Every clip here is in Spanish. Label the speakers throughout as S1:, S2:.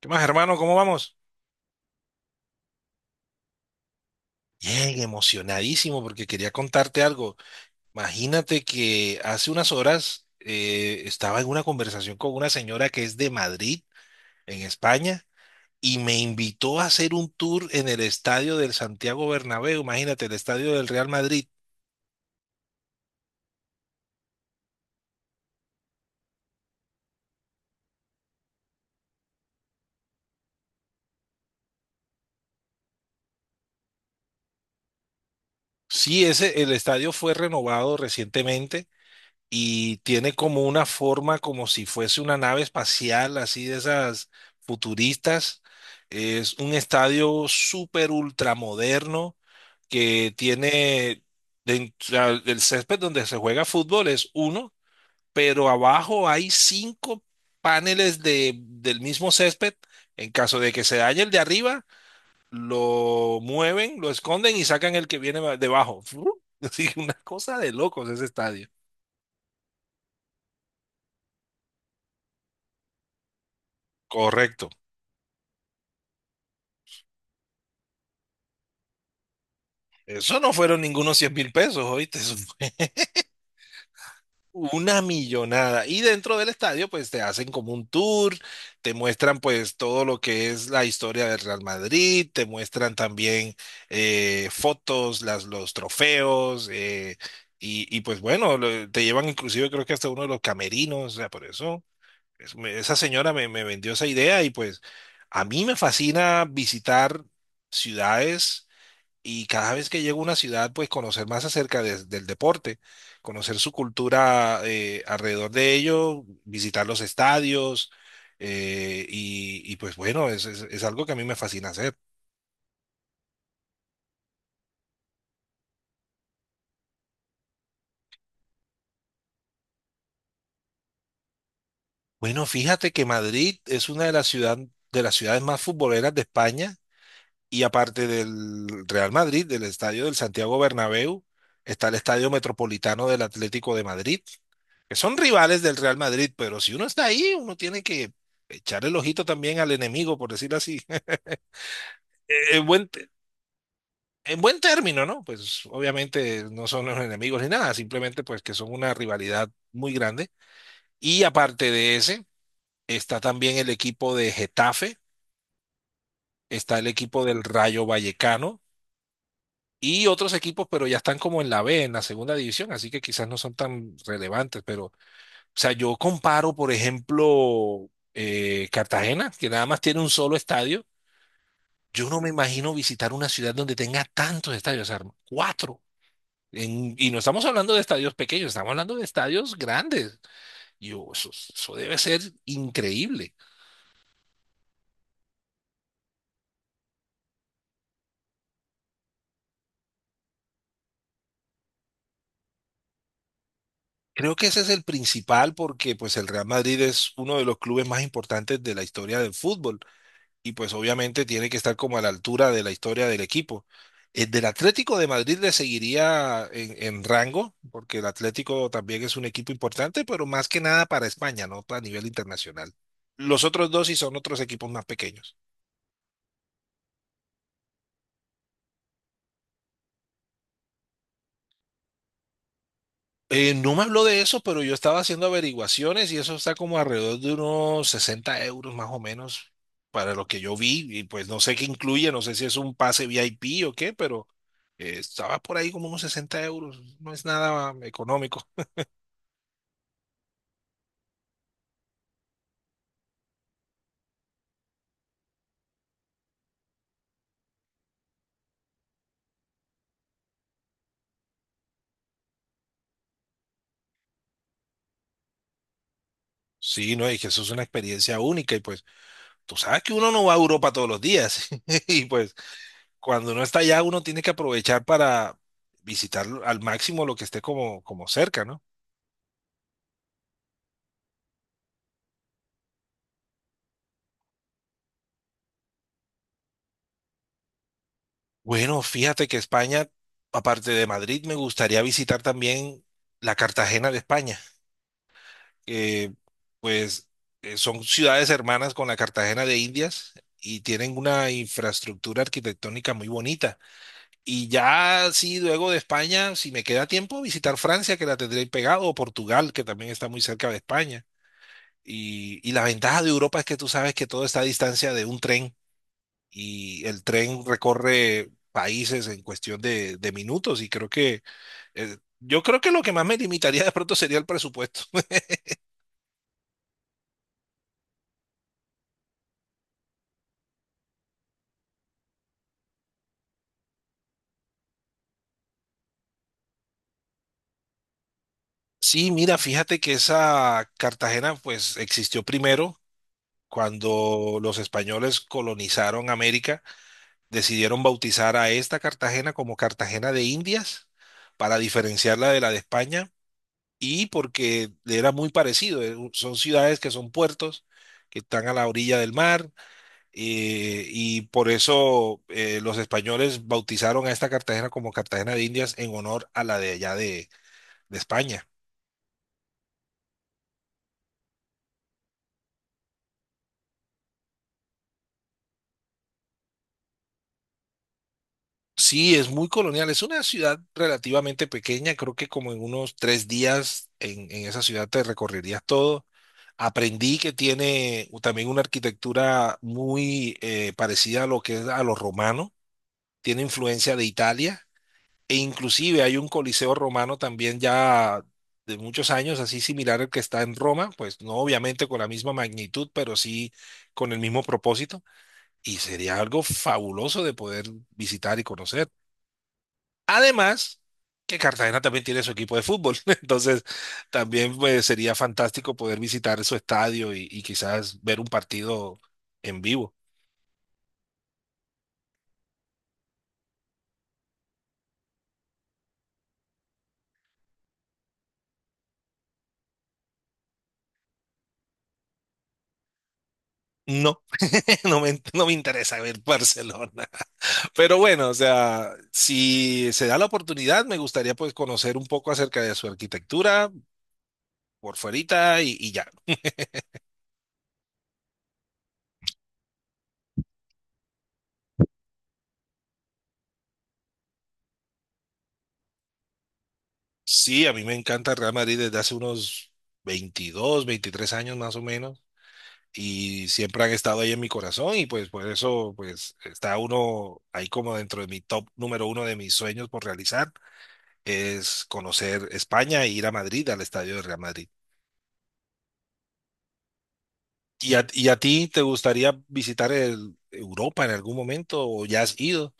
S1: ¿Qué más, hermano? ¿Cómo vamos? Bien, emocionadísimo porque quería contarte algo. Imagínate que hace unas horas estaba en una conversación con una señora que es de Madrid, en España, y me invitó a hacer un tour en el estadio del Santiago Bernabéu. Imagínate, el estadio del Real Madrid. Sí, ese, el estadio fue renovado recientemente y tiene como una forma como si fuese una nave espacial, así de esas futuristas. Es un estadio súper ultramoderno que tiene o sea, el césped donde se juega fútbol es uno, pero abajo hay cinco paneles del mismo césped. En caso de que se dañe el de arriba, lo mueven, lo esconden y sacan el que viene debajo. Así que una cosa de locos ese estadio. Correcto. Eso no fueron ningunos 100.000 pesos, ¿oíste? Eso fue una millonada. Y dentro del estadio, pues te hacen como un tour, te muestran pues todo lo que es la historia del Real Madrid, te muestran también fotos, los trofeos, pues bueno, te llevan inclusive creo que hasta uno de los camerinos, o sea, por eso esa señora me vendió esa idea y pues a mí me fascina visitar ciudades y cada vez que llego a una ciudad, pues conocer más acerca del deporte, conocer su cultura alrededor de ello, visitar los estadios, pues bueno, es algo que a mí me fascina hacer. Bueno, fíjate que Madrid es una de las de las ciudades más futboleras de España, y aparte del Real Madrid, del estadio del Santiago Bernabéu, está el Estadio Metropolitano del Atlético de Madrid que son rivales del Real Madrid, pero si uno está ahí, uno tiene que echar el ojito también al enemigo, por decirlo así. Eh, En buen, te- en buen término, ¿no? Pues obviamente no son los enemigos ni nada, simplemente pues que son una rivalidad muy grande. Y aparte de ese, está también el equipo de Getafe, está el equipo del Rayo Vallecano y otros equipos, pero ya están como en la B, en la segunda división, así que quizás no son tan relevantes, pero o sea, yo comparo, por ejemplo, Cartagena, que nada más tiene un solo estadio. Yo no me imagino visitar una ciudad donde tenga tantos estadios, o sea, cuatro. Y no estamos hablando de estadios pequeños, estamos hablando de estadios grandes. Y eso debe ser increíble. Creo que ese es el principal porque pues el Real Madrid es uno de los clubes más importantes de la historia del fútbol. Y pues obviamente tiene que estar como a la altura de la historia del equipo. El del Atlético de Madrid le seguiría en rango, porque el Atlético también es un equipo importante, pero más que nada para España, no a nivel internacional. Los otros dos sí son otros equipos más pequeños. No me habló de eso, pero yo estaba haciendo averiguaciones y eso está como alrededor de unos 60 euros más o menos para lo que yo vi. Y pues no sé qué incluye, no sé si es un pase VIP o qué, pero estaba por ahí como unos 60 euros. No es nada económico. Sí, no, y que eso es una experiencia única. Y pues tú sabes que uno no va a Europa todos los días. Y pues cuando uno está allá, uno tiene que aprovechar para visitar al máximo lo que esté como, como cerca, ¿no? Bueno, fíjate que España, aparte de Madrid, me gustaría visitar también la Cartagena de España, que pues son ciudades hermanas con la Cartagena de Indias y tienen una infraestructura arquitectónica muy bonita. Y ya sí, luego de España, si me queda tiempo, visitar Francia, que la tendré ahí pegado, o Portugal, que también está muy cerca de España. Y la ventaja de Europa es que tú sabes que todo está a distancia de un tren y el tren recorre países en cuestión de minutos y creo que yo creo que lo que más me limitaría de pronto sería el presupuesto. Sí, mira, fíjate que esa Cartagena pues existió primero. Cuando los españoles colonizaron América, decidieron bautizar a esta Cartagena como Cartagena de Indias para diferenciarla de la de España y porque era muy parecido. Son ciudades que son puertos, que están a la orilla del mar y por eso los españoles bautizaron a esta Cartagena como Cartagena de Indias en honor a la de allá de España. Sí, es muy colonial, es una ciudad relativamente pequeña, creo que como en unos tres días en esa ciudad te recorrerías todo. Aprendí que tiene también una arquitectura muy parecida a lo que es a lo romano, tiene influencia de Italia. E inclusive hay un coliseo romano también ya de muchos años, así similar al que está en Roma, pues no obviamente con la misma magnitud, pero sí con el mismo propósito. Y sería algo fabuloso de poder visitar y conocer. Además, que Cartagena también tiene su equipo de fútbol, entonces también pues, sería fantástico poder visitar su estadio y quizás ver un partido en vivo. No, no me interesa ver Barcelona. Pero bueno, o sea, si se da la oportunidad, me gustaría pues conocer un poco acerca de su arquitectura por fuerita y ya. Sí, a mí me encanta el Real Madrid desde hace unos 22, 23 años más o menos y siempre han estado ahí en mi corazón y pues por eso pues está uno ahí como dentro de mi top número uno de mis sueños por realizar es conocer España e ir a Madrid, al estadio del Real Madrid. ¿Y a ti te gustaría visitar Europa en algún momento o ya has ido?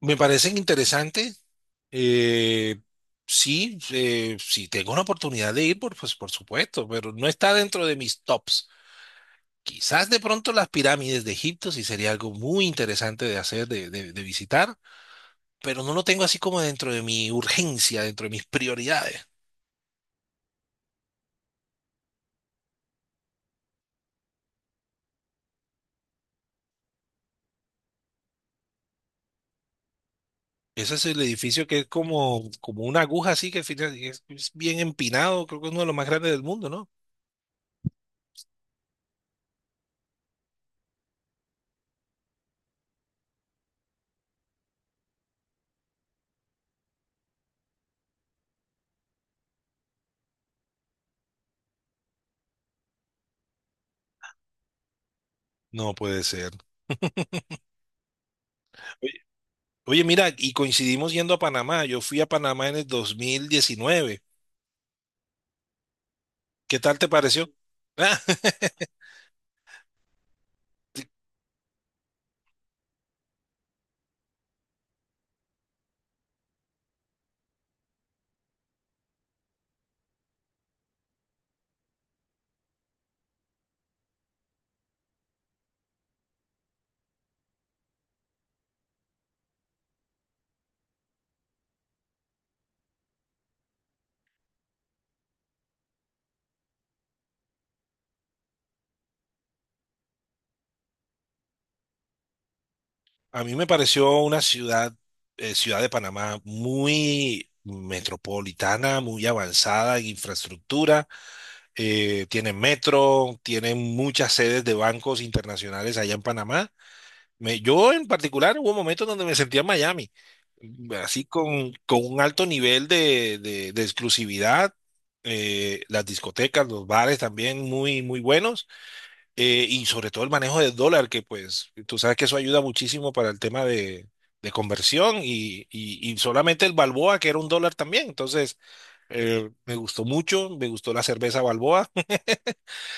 S1: Me parecen interesantes. Eh, sí, si tengo una oportunidad de ir, pues por supuesto, pero no está dentro de mis tops. Quizás de pronto las pirámides de Egipto sí sería algo muy interesante de hacer, de visitar, pero no lo tengo así como dentro de mi urgencia, dentro de mis prioridades. Ese es el edificio que es como, como una aguja así que al final es bien empinado, creo que es uno de los más grandes del mundo, ¿no? No puede ser. Oye, mira, y coincidimos yendo a Panamá. Yo fui a Panamá en el 2019. ¿Qué tal te pareció? Ah, a mí me pareció una ciudad, ciudad de Panamá muy metropolitana, muy avanzada en infraestructura. Tiene metro, tiene muchas sedes de bancos internacionales allá en Panamá. Yo en particular hubo momentos donde me sentía en Miami, así con un alto nivel de, de exclusividad, las discotecas, los bares también muy, muy buenos, y sobre todo el manejo del dólar, que pues tú sabes que eso ayuda muchísimo para el tema de conversión y solamente el Balboa, que era un dólar también. Entonces, me gustó mucho, me gustó la cerveza Balboa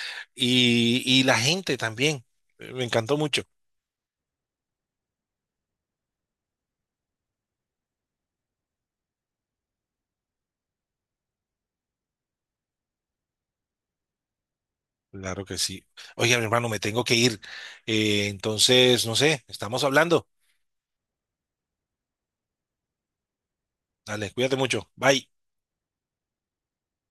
S1: y la gente también, me encantó mucho. Claro que sí. Oye, mi hermano, me tengo que ir. Entonces, no sé, estamos hablando. Dale, cuídate mucho. Bye.